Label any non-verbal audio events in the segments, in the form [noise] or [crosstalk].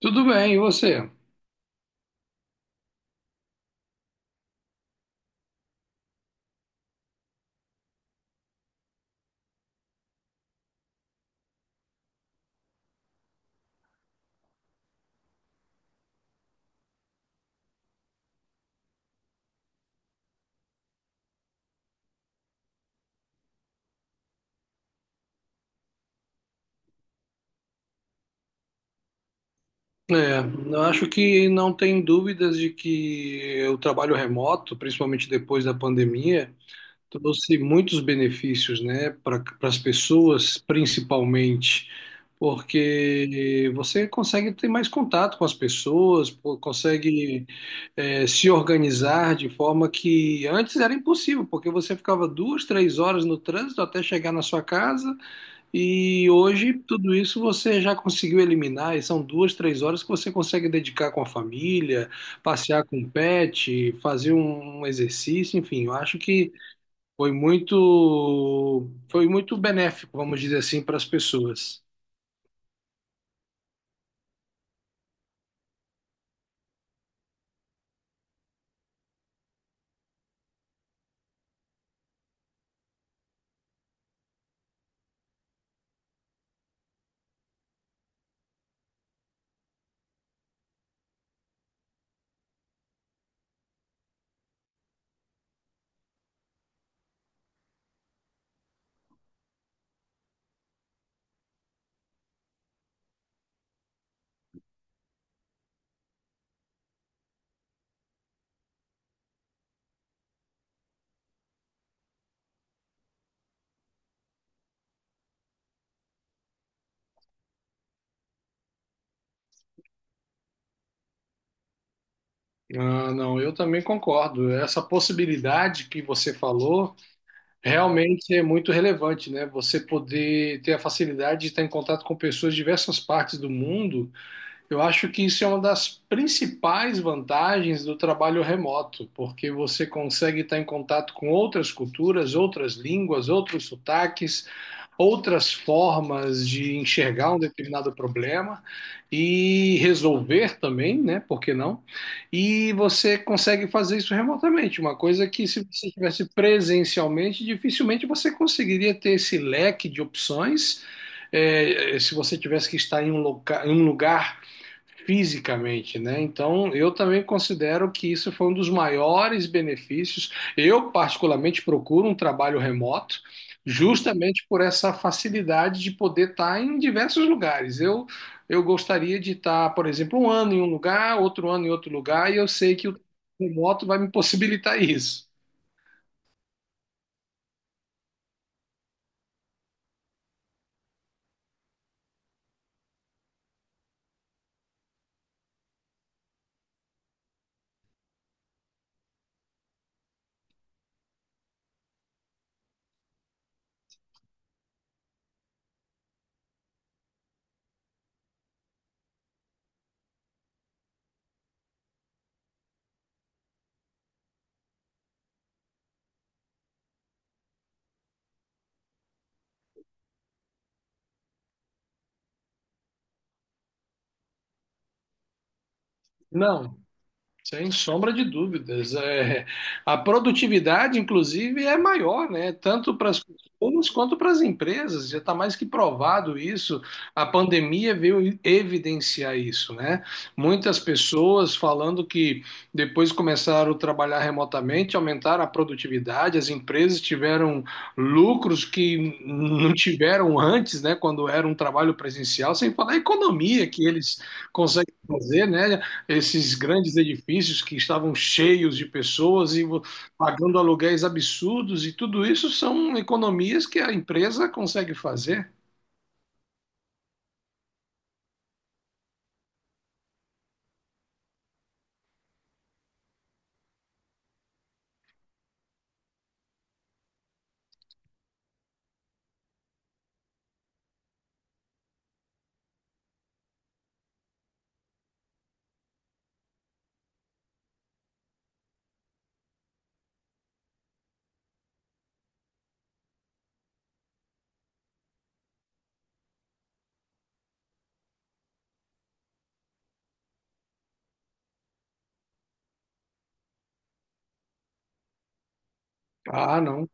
Tudo bem, e você? É, eu acho que não tem dúvidas de que o trabalho remoto, principalmente depois da pandemia, trouxe muitos benefícios, né, para as pessoas, principalmente, porque você consegue ter mais contato com as pessoas, pô, consegue, se organizar de forma que antes era impossível, porque você ficava duas, três horas no trânsito até chegar na sua casa. E hoje, tudo isso você já conseguiu eliminar, e são duas, três horas que você consegue dedicar com a família, passear com o pet, fazer um exercício, enfim, eu acho que foi muito benéfico, vamos dizer assim, para as pessoas. Ah, não, eu também concordo. Essa possibilidade que você falou realmente é muito relevante, né? Você poder ter a facilidade de estar em contato com pessoas de diversas partes do mundo. Eu acho que isso é uma das principais vantagens do trabalho remoto, porque você consegue estar em contato com outras culturas, outras línguas, outros sotaques, outras formas de enxergar um determinado problema e resolver também, né? Por que não? E você consegue fazer isso remotamente, uma coisa que se você estivesse presencialmente, dificilmente você conseguiria ter esse leque de opções. É, se você tivesse que estar em em um lugar fisicamente, né? Então, eu também considero que isso foi um dos maiores benefícios. Eu, particularmente, procuro um trabalho remoto, justamente por essa facilidade de poder estar em diversos lugares. Eu gostaria de estar, por exemplo, um ano em um lugar, outro ano em outro lugar, e eu sei que o remoto vai me possibilitar isso. Não. Sem sombra de dúvidas. A produtividade, inclusive, é maior, né? Tanto para as pessoas quanto para as empresas. Já está mais que provado isso. A pandemia veio evidenciar isso, né? Muitas pessoas falando que depois começaram a trabalhar remotamente, aumentaram a produtividade, as empresas tiveram lucros que não tiveram antes, né? Quando era um trabalho presencial, sem falar a economia que eles conseguem fazer, né? Esses grandes edifícios que estavam cheios de pessoas e pagando aluguéis absurdos, e tudo isso são economias que a empresa consegue fazer. Ah, não.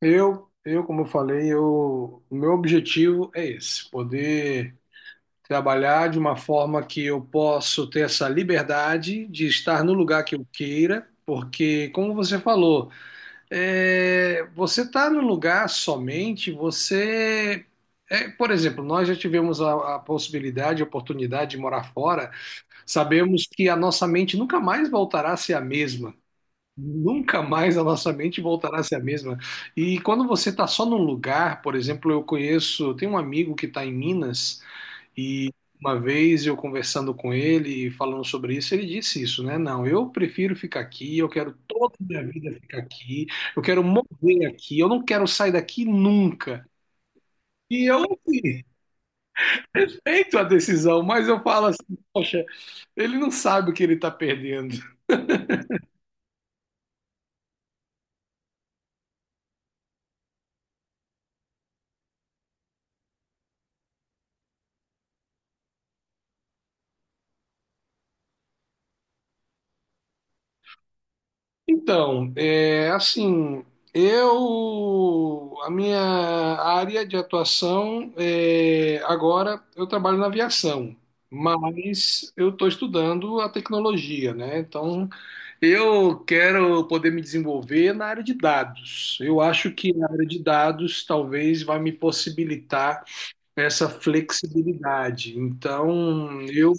Como eu falei, eu, o meu objetivo é esse, poder trabalhar de uma forma que eu possa ter essa liberdade de estar no lugar que eu queira, porque, como você falou, você está no lugar somente, você. É, por exemplo, nós já tivemos a possibilidade, a oportunidade de morar fora, sabemos que a nossa mente nunca mais voltará a ser a mesma. Nunca mais a nossa mente voltará a ser a mesma. E quando você está só num lugar, por exemplo, eu conheço, tem um amigo que está em Minas. E uma vez eu conversando com ele e falando sobre isso, ele disse isso, né? Não, eu prefiro ficar aqui, eu quero toda a minha vida ficar aqui, eu quero morrer aqui, eu não quero sair daqui nunca. E eu assim, respeito a decisão, mas eu falo assim, poxa, ele não sabe o que ele está perdendo. Então, é, assim, eu, a minha área de atuação é, agora eu trabalho na aviação, mas eu estou estudando a tecnologia, né? Então, eu quero poder me desenvolver na área de dados. Eu acho que a área de dados talvez vai me possibilitar essa flexibilidade. Então, eu,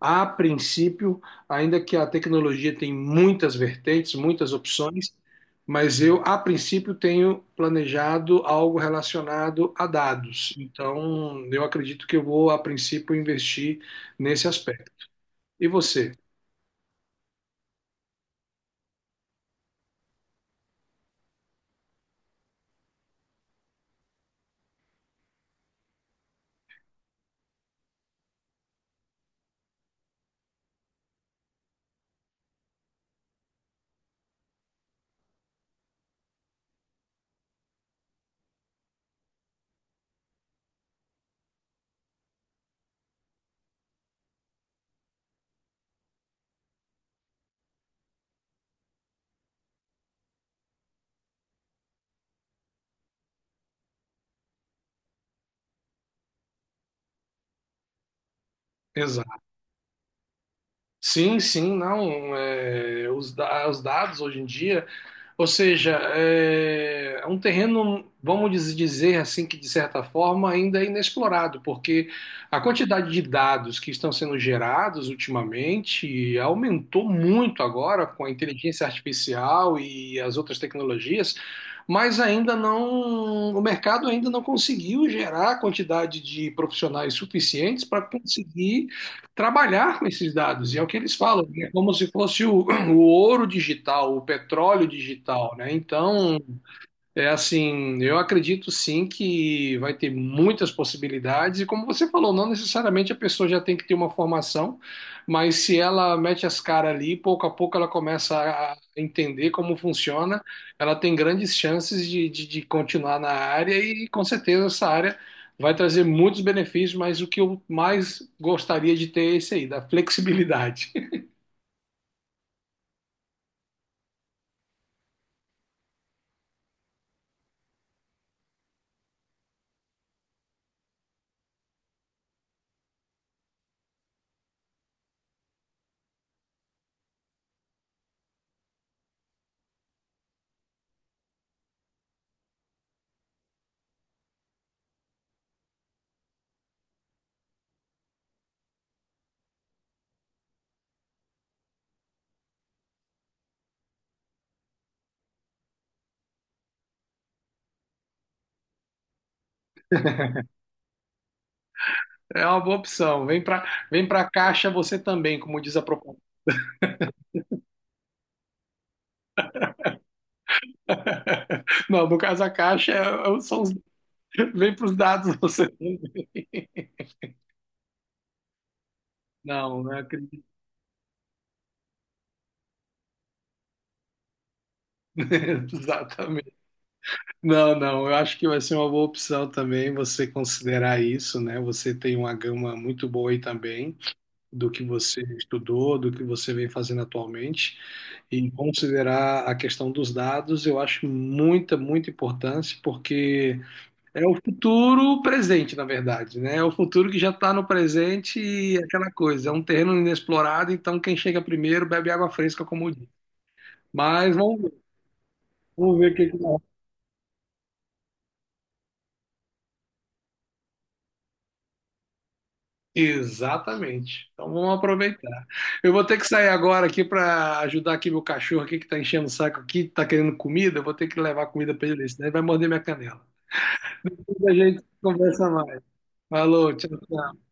a princípio, ainda que a tecnologia tem muitas vertentes, muitas opções, mas eu, a princípio, tenho planejado algo relacionado a dados. Então, eu acredito que eu vou, a princípio, investir nesse aspecto. E você? Exato. Sim, sim, não. Os dados hoje em dia, ou seja, é um terreno, dizer assim, que de certa forma ainda é inexplorado, porque a quantidade de dados que estão sendo gerados ultimamente aumentou muito agora com a inteligência artificial e as outras tecnologias, mas ainda não, o mercado ainda não conseguiu gerar a quantidade de profissionais suficientes para conseguir trabalhar com esses dados, e é o que eles falam, é como se fosse [clears throat] o ouro digital, o petróleo digital, né? Então, é assim, eu acredito sim que vai ter muitas possibilidades, e como você falou, não necessariamente a pessoa já tem que ter uma formação, mas se ela mete as caras ali, pouco a pouco ela começa a entender como funciona, ela tem grandes chances de continuar na área e com certeza essa área vai trazer muitos benefícios, mas o que eu mais gostaria de ter é esse aí, da flexibilidade. [laughs] É uma boa opção. Vem para a caixa você também, como diz a proposta. [laughs] Não, no caso a caixa são vem para os dados [laughs] você também. Não, não acredito. [laughs] Exatamente. Não, não, eu acho que vai ser uma boa opção também você considerar isso, né? Você tem uma gama muito boa aí também do que você estudou, do que você vem fazendo atualmente. E considerar a questão dos dados, eu acho muita importância, porque é o futuro presente, na verdade, né? É o futuro que já está no presente e aquela coisa. É um terreno inexplorado, então quem chega primeiro bebe água fresca, como diz. Mas vamos ver o que que dá. Exatamente. Então vamos aproveitar. Eu vou ter que sair agora aqui para ajudar aqui meu cachorro aqui que está enchendo o saco aqui, está querendo comida. Eu vou ter que levar comida para ele, senão ele vai morder minha canela. Depois a gente conversa mais. Falou, tchau, tchau.